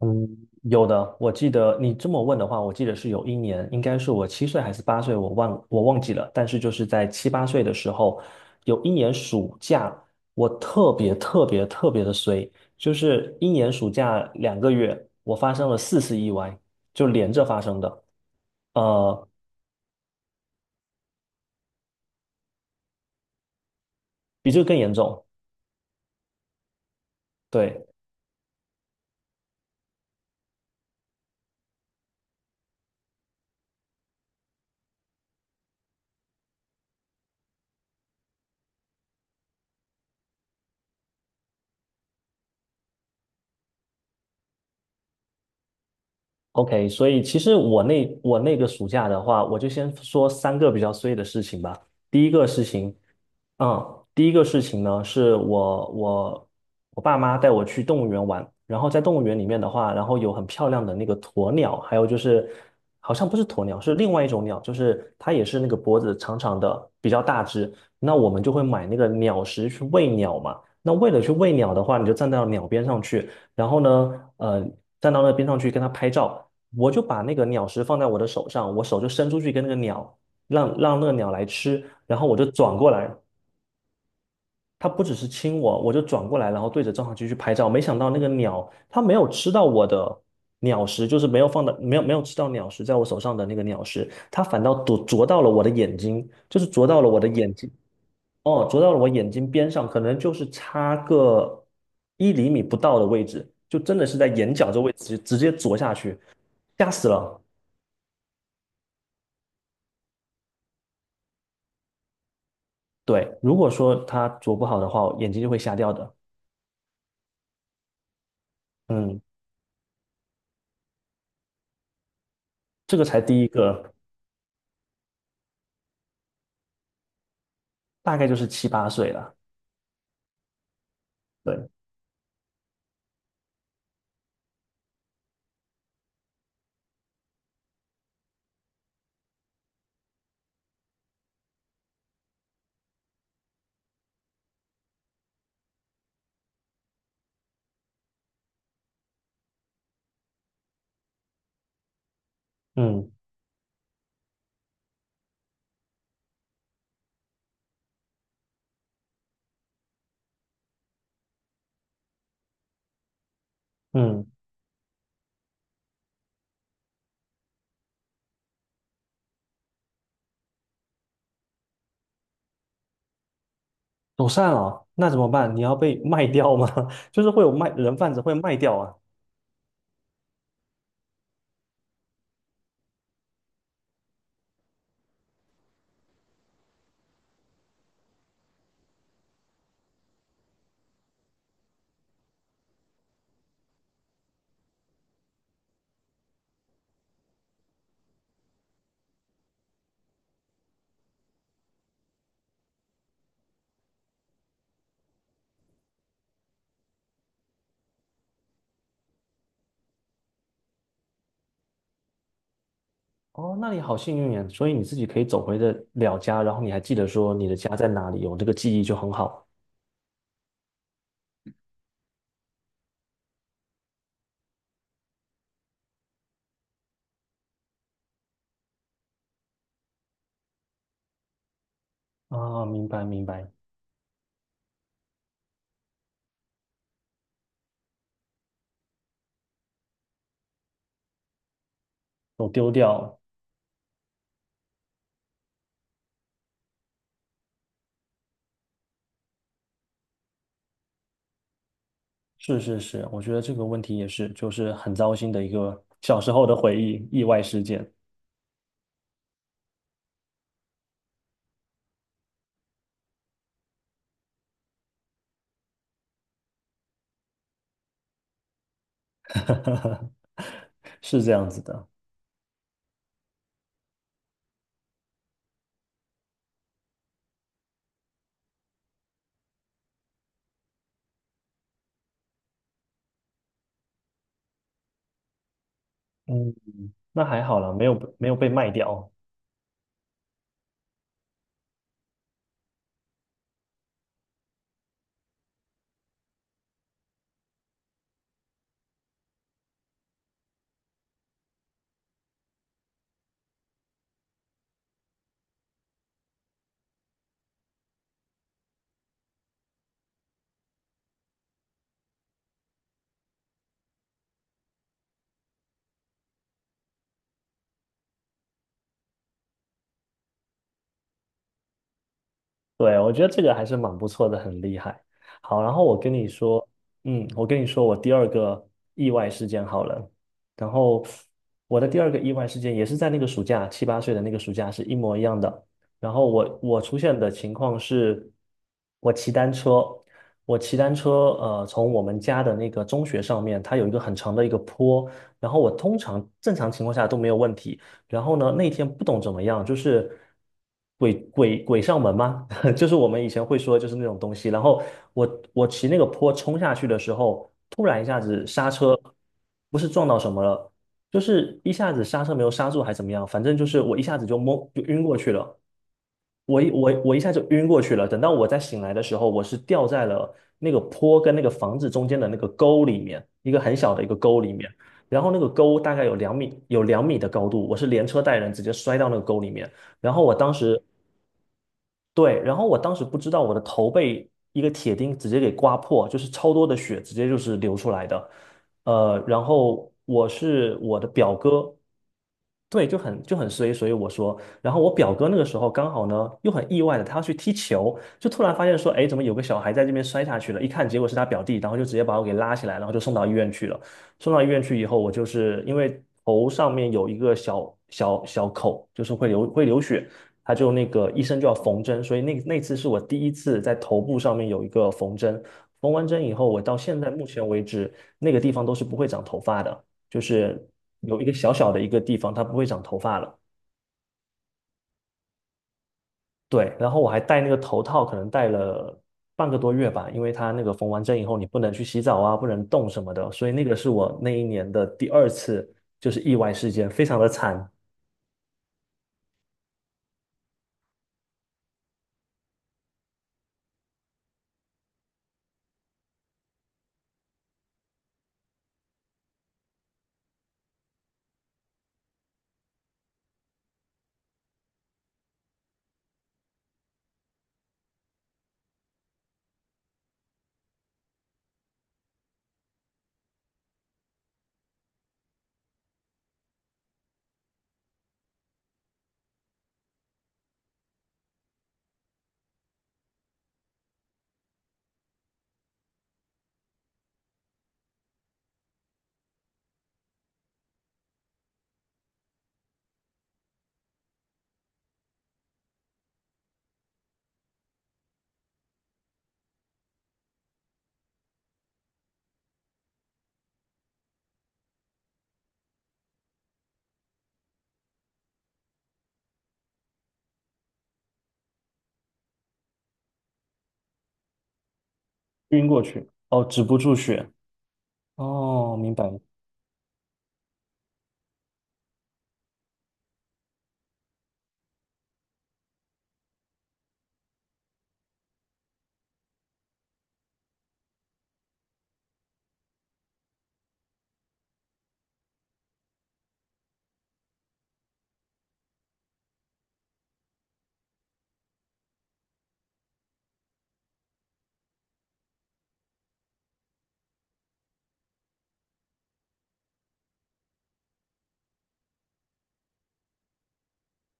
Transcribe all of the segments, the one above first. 嗯，有的，我记得你这么问的话，我记得是有一年，应该是我7岁还是八岁，我忘记了。但是就是在七八岁的时候，有一年暑假，我特别特别特别的衰，就是一年暑假2个月，我发生了4次意外，就连着发生的，呃，比这个更严重。对，OK，所以其实我那个暑假的话，我就先说三个比较衰的事情吧。第一个事情，第一个事情呢，我爸妈带我去动物园玩，然后在动物园里面的话，然后有很漂亮的那个鸵鸟，还有就是好像不是鸵鸟，是另外一种鸟，就是它也是那个脖子长长的，比较大只。那我们就会买那个鸟食去喂鸟嘛。那为了去喂鸟的话，你就站到鸟边上去，然后呢，站到那边上去跟它拍照。我就把那个鸟食放在我的手上，我手就伸出去跟那个鸟，让那个鸟来吃，然后我就转过来，它不只是亲我，我就转过来，然后对着照相机去拍照。没想到那个鸟，它没有吃到我的鸟食，就是没有吃到鸟食在我手上的那个鸟食，它反倒啄到了我的眼睛，就是啄到了我的眼睛，哦，啄到了我眼睛边上，可能就是差个1厘米不到的位置，就真的是在眼角这位置直接啄下去，吓死了。对，如果说他啄不好的话，眼睛就会瞎掉的。嗯，这个才第一个，大概就是七八岁了。对，嗯嗯，走散了，那怎么办？你要被卖掉吗？就是会有卖人贩子会卖掉啊。哦，那你好幸运呀，所以你自己可以走回的了家，然后你还记得说你的家在哪里，有这个记忆就很好。啊，明白明白，有丢掉，是是是，我觉得这个问题也是，就是很糟心的一个小时候的回忆，意外事件，是这样子的。嗯，那还好啦，没有被卖掉。对，我觉得这个还是蛮不错的，很厉害。好，然后我跟你说我第二个意外事件好了。然后我的第二个意外事件也是在那个暑假，七八岁的那个暑假是一模一样的。然后我出现的情况是，我骑单车，我骑单车，从我们家的那个中学上面，它有一个很长的一个坡，然后我通常正常情况下都没有问题。然后呢，那天不懂怎么样，就是鬼上门吗？就是我们以前会说，就是那种东西。然后我骑那个坡冲下去的时候，突然一下子刹车，不是撞到什么了，就是一下子刹车没有刹住，还怎么样？反正就是我一下子就懵，就晕过去了。我一下就晕过去了。等到我再醒来的时候，我是掉在了那个坡跟那个房子中间的那个沟里面，一个很小的一个沟里面。然后那个沟大概有两米的高度，我是连车带人直接摔到那个沟里面。然后我当时对，然后我当时不知道我的头被一个铁钉直接给刮破，就是超多的血直接就是流出来的。然后我是我的表哥，对，就很衰，所以我说，然后我表哥那个时候刚好呢又很意外的，他要去踢球，就突然发现说，哎，怎么有个小孩在这边摔下去了？一看结果是他表弟，然后就直接把我给拉起来，然后就送到医院去了。送到医院去以后，我就是因为头上面有一个小小口，就是会流血。他就那个医生就要缝针，所以那那次是我第一次在头部上面有一个缝针。缝完针以后，我到现在目前为止，那个地方都是不会长头发的，就是有一个小小的一个地方，它不会长头发了。对，然后我还戴那个头套，可能戴了半个多月吧，因为它那个缝完针以后，你不能去洗澡啊，不能动什么的，所以那个是我那一年的第二次，就是意外事件，非常的惨，晕过去，哦，止不住血，哦，明白，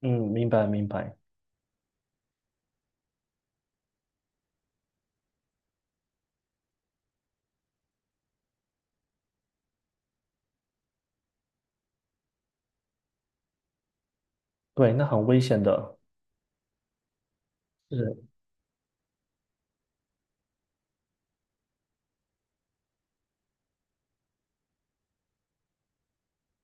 嗯，明白明白。对，那很危险的，是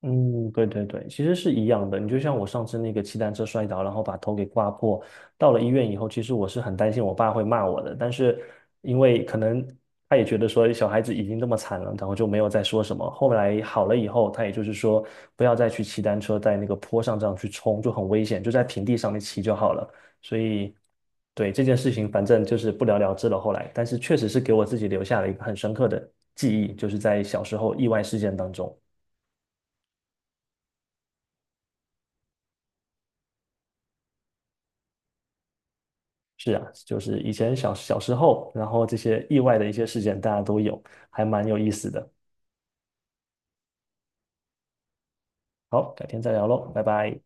嗯，对对对，其实是一样的。你就像我上次那个骑单车摔倒，然后把头给刮破，到了医院以后，其实我是很担心我爸会骂我的，但是因为可能他也觉得说小孩子已经这么惨了，然后就没有再说什么。后来好了以后，他也就是说不要再去骑单车在那个坡上这样去冲，就很危险，就在平地上面骑就好了。所以，对这件事情，反正就是不了了之了。后来，但是确实是给我自己留下了一个很深刻的记忆，就是在小时候意外事件当中。是啊，就是以前小时候，然后这些意外的一些事件大家都有，还蛮有意思的。好，改天再聊喽，拜拜。